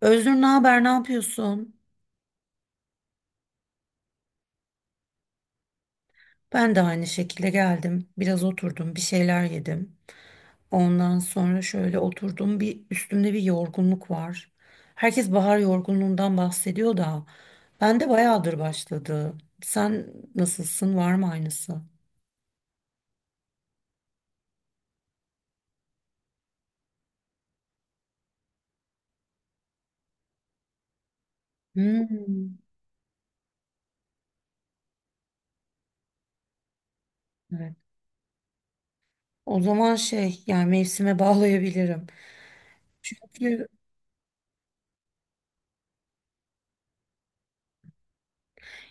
Özgür, ne haber, ne yapıyorsun? Ben de aynı şekilde geldim. Biraz oturdum, bir şeyler yedim. Ondan sonra şöyle oturdum. Bir üstümde bir yorgunluk var. Herkes bahar yorgunluğundan bahsediyor da ben de bayağıdır başladı. Sen nasılsın? Var mı aynısı? Hmm, evet. O zaman şey, yani mevsime bağlayabilirim. Çünkü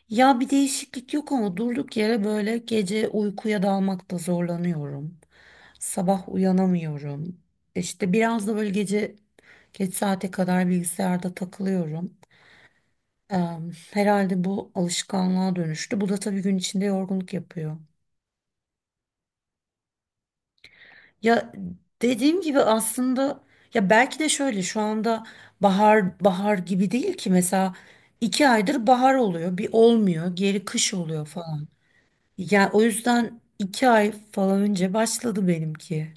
Ya, bir değişiklik yok ama durduk yere böyle gece uykuya dalmakta zorlanıyorum. Sabah uyanamıyorum. İşte biraz da böyle gece geç saate kadar bilgisayarda takılıyorum. Herhalde bu alışkanlığa dönüştü. Bu da tabii gün içinde yorgunluk yapıyor. Ya, dediğim gibi aslında ya belki de şöyle, şu anda bahar bahar gibi değil ki mesela. İki aydır bahar oluyor, bir olmuyor, geri kış oluyor falan. Ya o yüzden iki ay falan önce başladı benimki,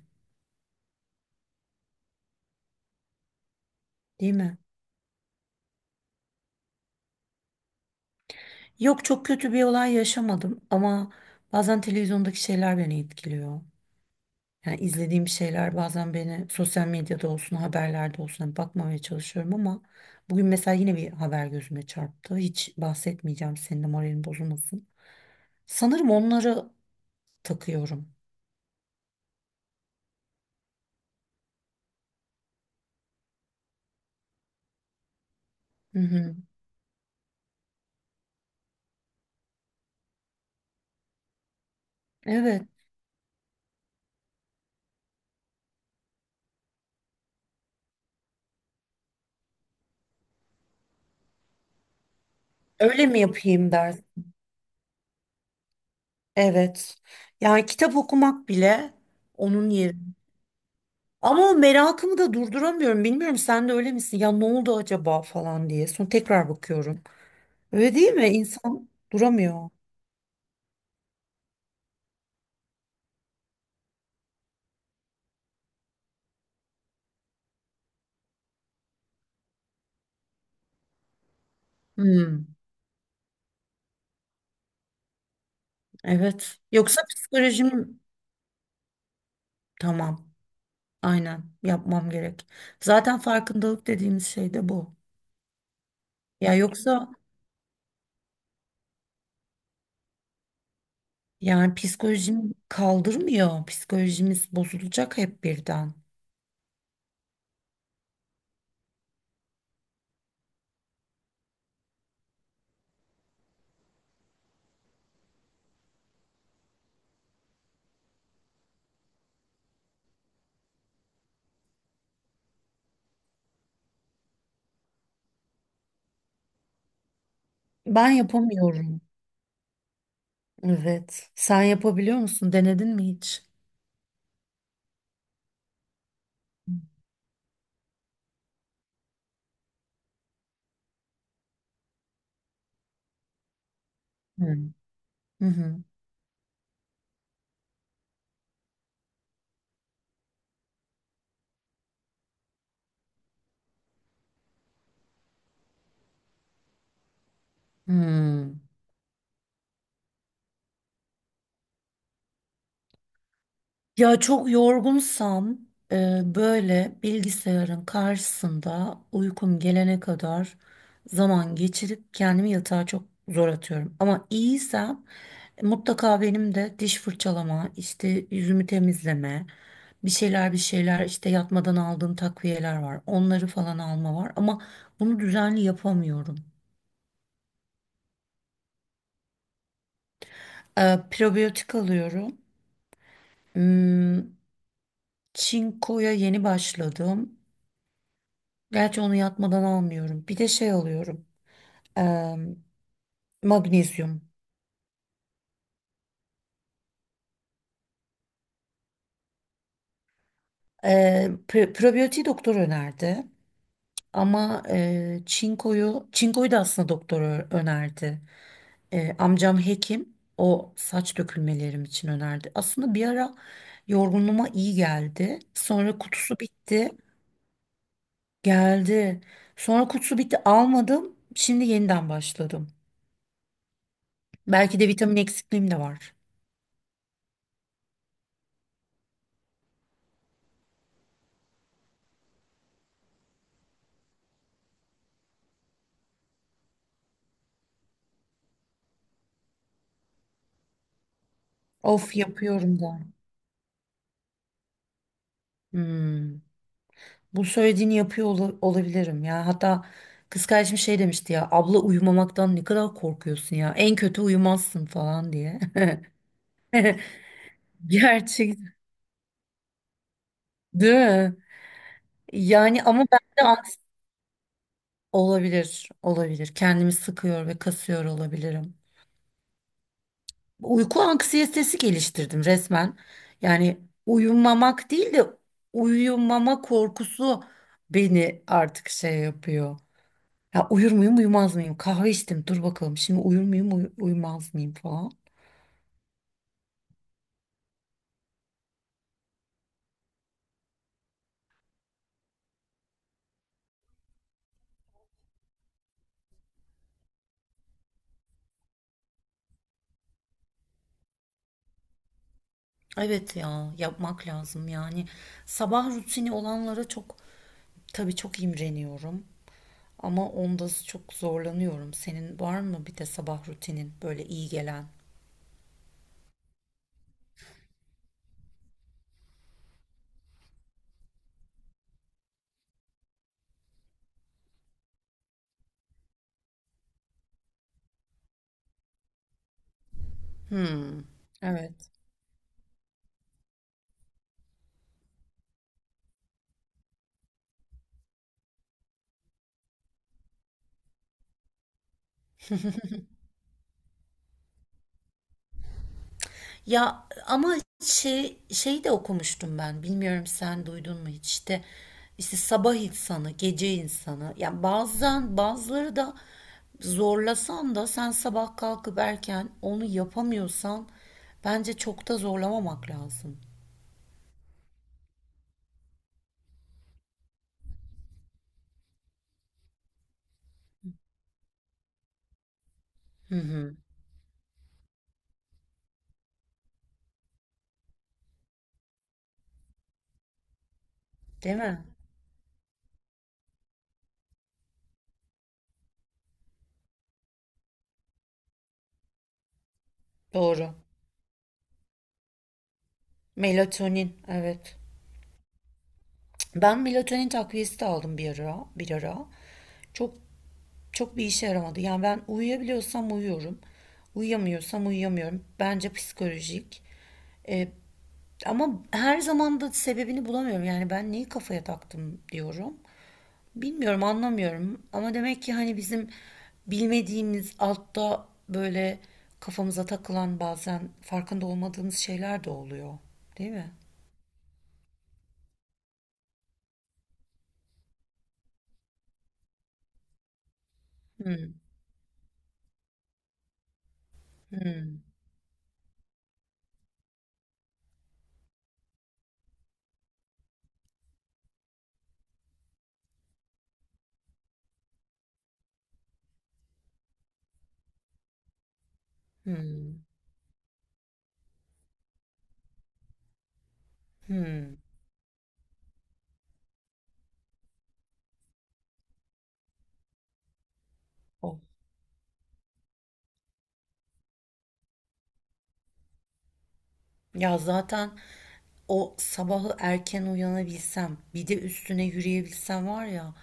değil mi? Yok, çok kötü bir olay yaşamadım ama bazen televizyondaki şeyler beni etkiliyor. Yani izlediğim şeyler bazen beni, sosyal medyada olsun, haberlerde olsun, hani bakmamaya çalışıyorum ama bugün mesela yine bir haber gözüme çarptı. Hiç bahsetmeyeceğim, senin de moralin bozulmasın. Sanırım onları takıyorum. Hı hı. Evet. Öyle mi yapayım der. Evet. Yani kitap okumak bile onun yeri. Ama o merakımı da durduramıyorum. Bilmiyorum, sen de öyle misin? Ya ne oldu acaba falan diye. Sonra tekrar bakıyorum. Öyle değil mi? İnsan duramıyor. Hmm, evet. Yoksa psikolojim, tamam. Aynen, yapmam gerek. Zaten farkındalık dediğimiz şey de bu. Ya yoksa yani psikolojim kaldırmıyor. Psikolojimiz bozulacak hep birden. Ben yapamıyorum. Evet. Sen yapabiliyor musun? Denedin mi hiç? Hı hı. Hı hı. Hmm. Ya çok yorgunsam böyle bilgisayarın karşısında uykum gelene kadar zaman geçirip kendimi yatağa çok zor atıyorum. Ama iyiysem mutlaka benim de diş fırçalama, işte yüzümü temizleme, bir şeyler bir şeyler işte yatmadan aldığım takviyeler var. Onları falan alma var ama bunu düzenli yapamıyorum. Probiyotik alıyorum. Hmm, çinkoya yeni başladım. Gerçi onu yatmadan almıyorum. Bir de şey alıyorum. eee, Magnezyum. Probiyotiği doktor önerdi. Ama çinkoyu, çinkoyu da aslında doktor önerdi. Amcam hekim. O, saç dökülmelerim için önerdi. Aslında bir ara yorgunluğuma iyi geldi. Sonra kutusu bitti. Geldi. Sonra kutusu bitti, almadım. Şimdi yeniden başladım. Belki de vitamin eksikliğim de var. Of, yapıyorum da. Hmm. Bu söylediğini yapıyor olabilirim ya. Hatta kız kardeşim şey demişti ya. Abla, uyumamaktan ne kadar korkuyorsun ya. En kötü uyumazsın falan diye. Gerçek, değil mi? Yani ama ben de olabilir, olabilir. Kendimi sıkıyor ve kasıyor olabilirim. Uyku anksiyetesi geliştirdim resmen. Yani uyumamak değil de uyumama korkusu beni artık şey yapıyor. Ya uyur muyum, uyumaz mıyım? Kahve içtim, dur bakalım şimdi uyur muyum, uyumaz mıyım falan. Evet ya, yapmak lazım yani. Sabah rutini olanlara çok, tabii, çok imreniyorum. Ama onda çok zorlanıyorum. Senin var mı bir de sabah rutinin böyle iyi gelen? Hmm. Evet. Ya ama şey de okumuştum ben. Bilmiyorum sen duydun mu hiç, işte işte sabah insanı, gece insanı. Yani bazen bazıları da zorlasan da sen sabah kalkıp erken onu yapamıyorsan bence çok da zorlamamak lazım. Hı hı. Değil mi? Doğru. Melatonin, evet. Ben melatonin takviyesi de aldım bir ara, bir ara. Çok çok bir işe yaramadı. Yani ben uyuyabiliyorsam uyuyorum. Uyuyamıyorsam uyuyamıyorum. Bence psikolojik. E, ama her zaman da sebebini bulamıyorum. Yani ben neyi kafaya taktım diyorum. Bilmiyorum, anlamıyorum. Ama demek ki hani bizim bilmediğimiz altta böyle kafamıza takılan, bazen farkında olmadığımız şeyler de oluyor. Değil mi? Hmm, hmm, hmm. Ya zaten o sabahı erken uyanabilsem, bir de üstüne yürüyebilsem var ya,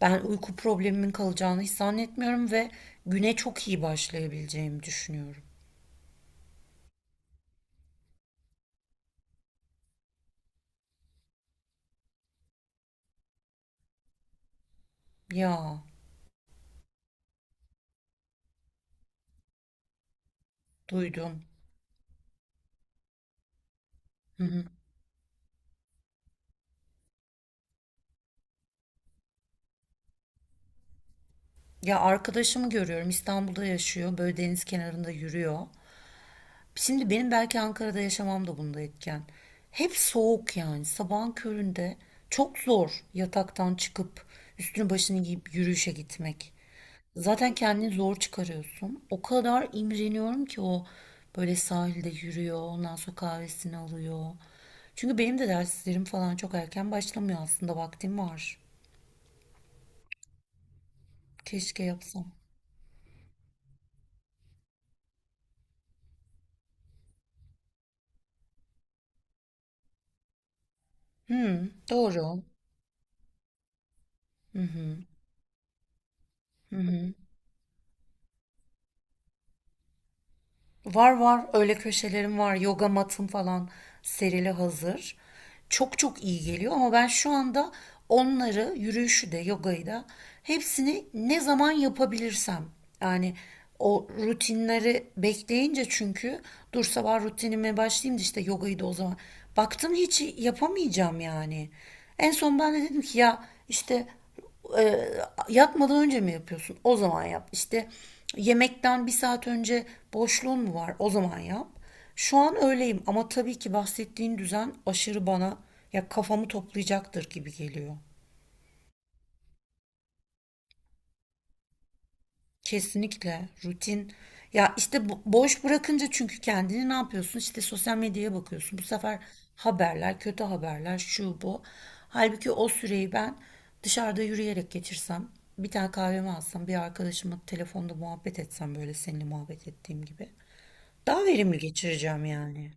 ben uyku problemimin kalacağını hiç zannetmiyorum ve güne çok iyi başlayabileceğimi düşünüyorum. Ya, duydum. Hı hı. Ya, arkadaşımı görüyorum, İstanbul'da yaşıyor, böyle deniz kenarında yürüyor. Şimdi benim belki Ankara'da yaşamam da bunda etken. Hep soğuk, yani sabahın köründe çok zor yataktan çıkıp üstünü başını giyip yürüyüşe gitmek. Zaten kendini zor çıkarıyorsun. O kadar imreniyorum ki, o böyle sahilde yürüyor, ondan sonra kahvesini alıyor. Çünkü benim de derslerim falan çok erken başlamıyor, aslında vaktim var. Keşke yapsam. Hmm, doğru. Var var öyle köşelerim var. Yoga matım falan serili hazır. Çok çok iyi geliyor ama ben şu anda onları, yürüyüşü de yogayı da, hepsini ne zaman yapabilirsem, yani o rutinleri bekleyince, çünkü dur sabah rutinime başlayayım da işte yogayı da o zaman, baktım hiç yapamayacağım yani. En son ben de dedim ki ya işte e, yatmadan önce mi yapıyorsun? O zaman yap. İşte yemekten bir saat önce boşluğun mu var? O zaman yap. Şu an öyleyim ama tabii ki bahsettiğin düzen aşırı bana ya kafamı toplayacaktır gibi geliyor. Kesinlikle rutin. Ya işte boş bırakınca çünkü kendini ne yapıyorsun? İşte sosyal medyaya bakıyorsun. Bu sefer haberler, kötü haberler, şu bu. Halbuki o süreyi ben dışarıda yürüyerek geçirsem, bir tane kahvemi alsam, bir arkadaşımla telefonda muhabbet etsem, böyle seninle muhabbet ettiğim gibi. Daha verimli geçireceğim yani.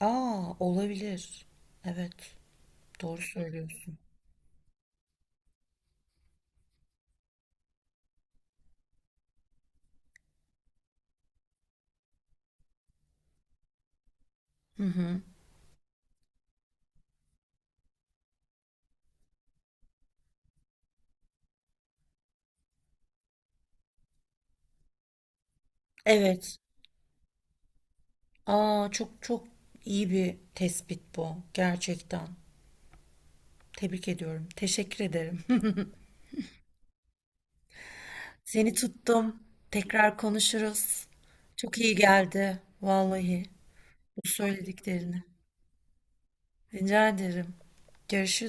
Aa, olabilir. Evet. Doğru söylüyorsun. Evet. Aa çok çok iyi bir tespit bu gerçekten. Tebrik ediyorum. Teşekkür ederim. Seni tuttum. Tekrar konuşuruz. Çok iyi geldi. Vallahi bu söylediklerini. Rica ederim. Görüşürüz.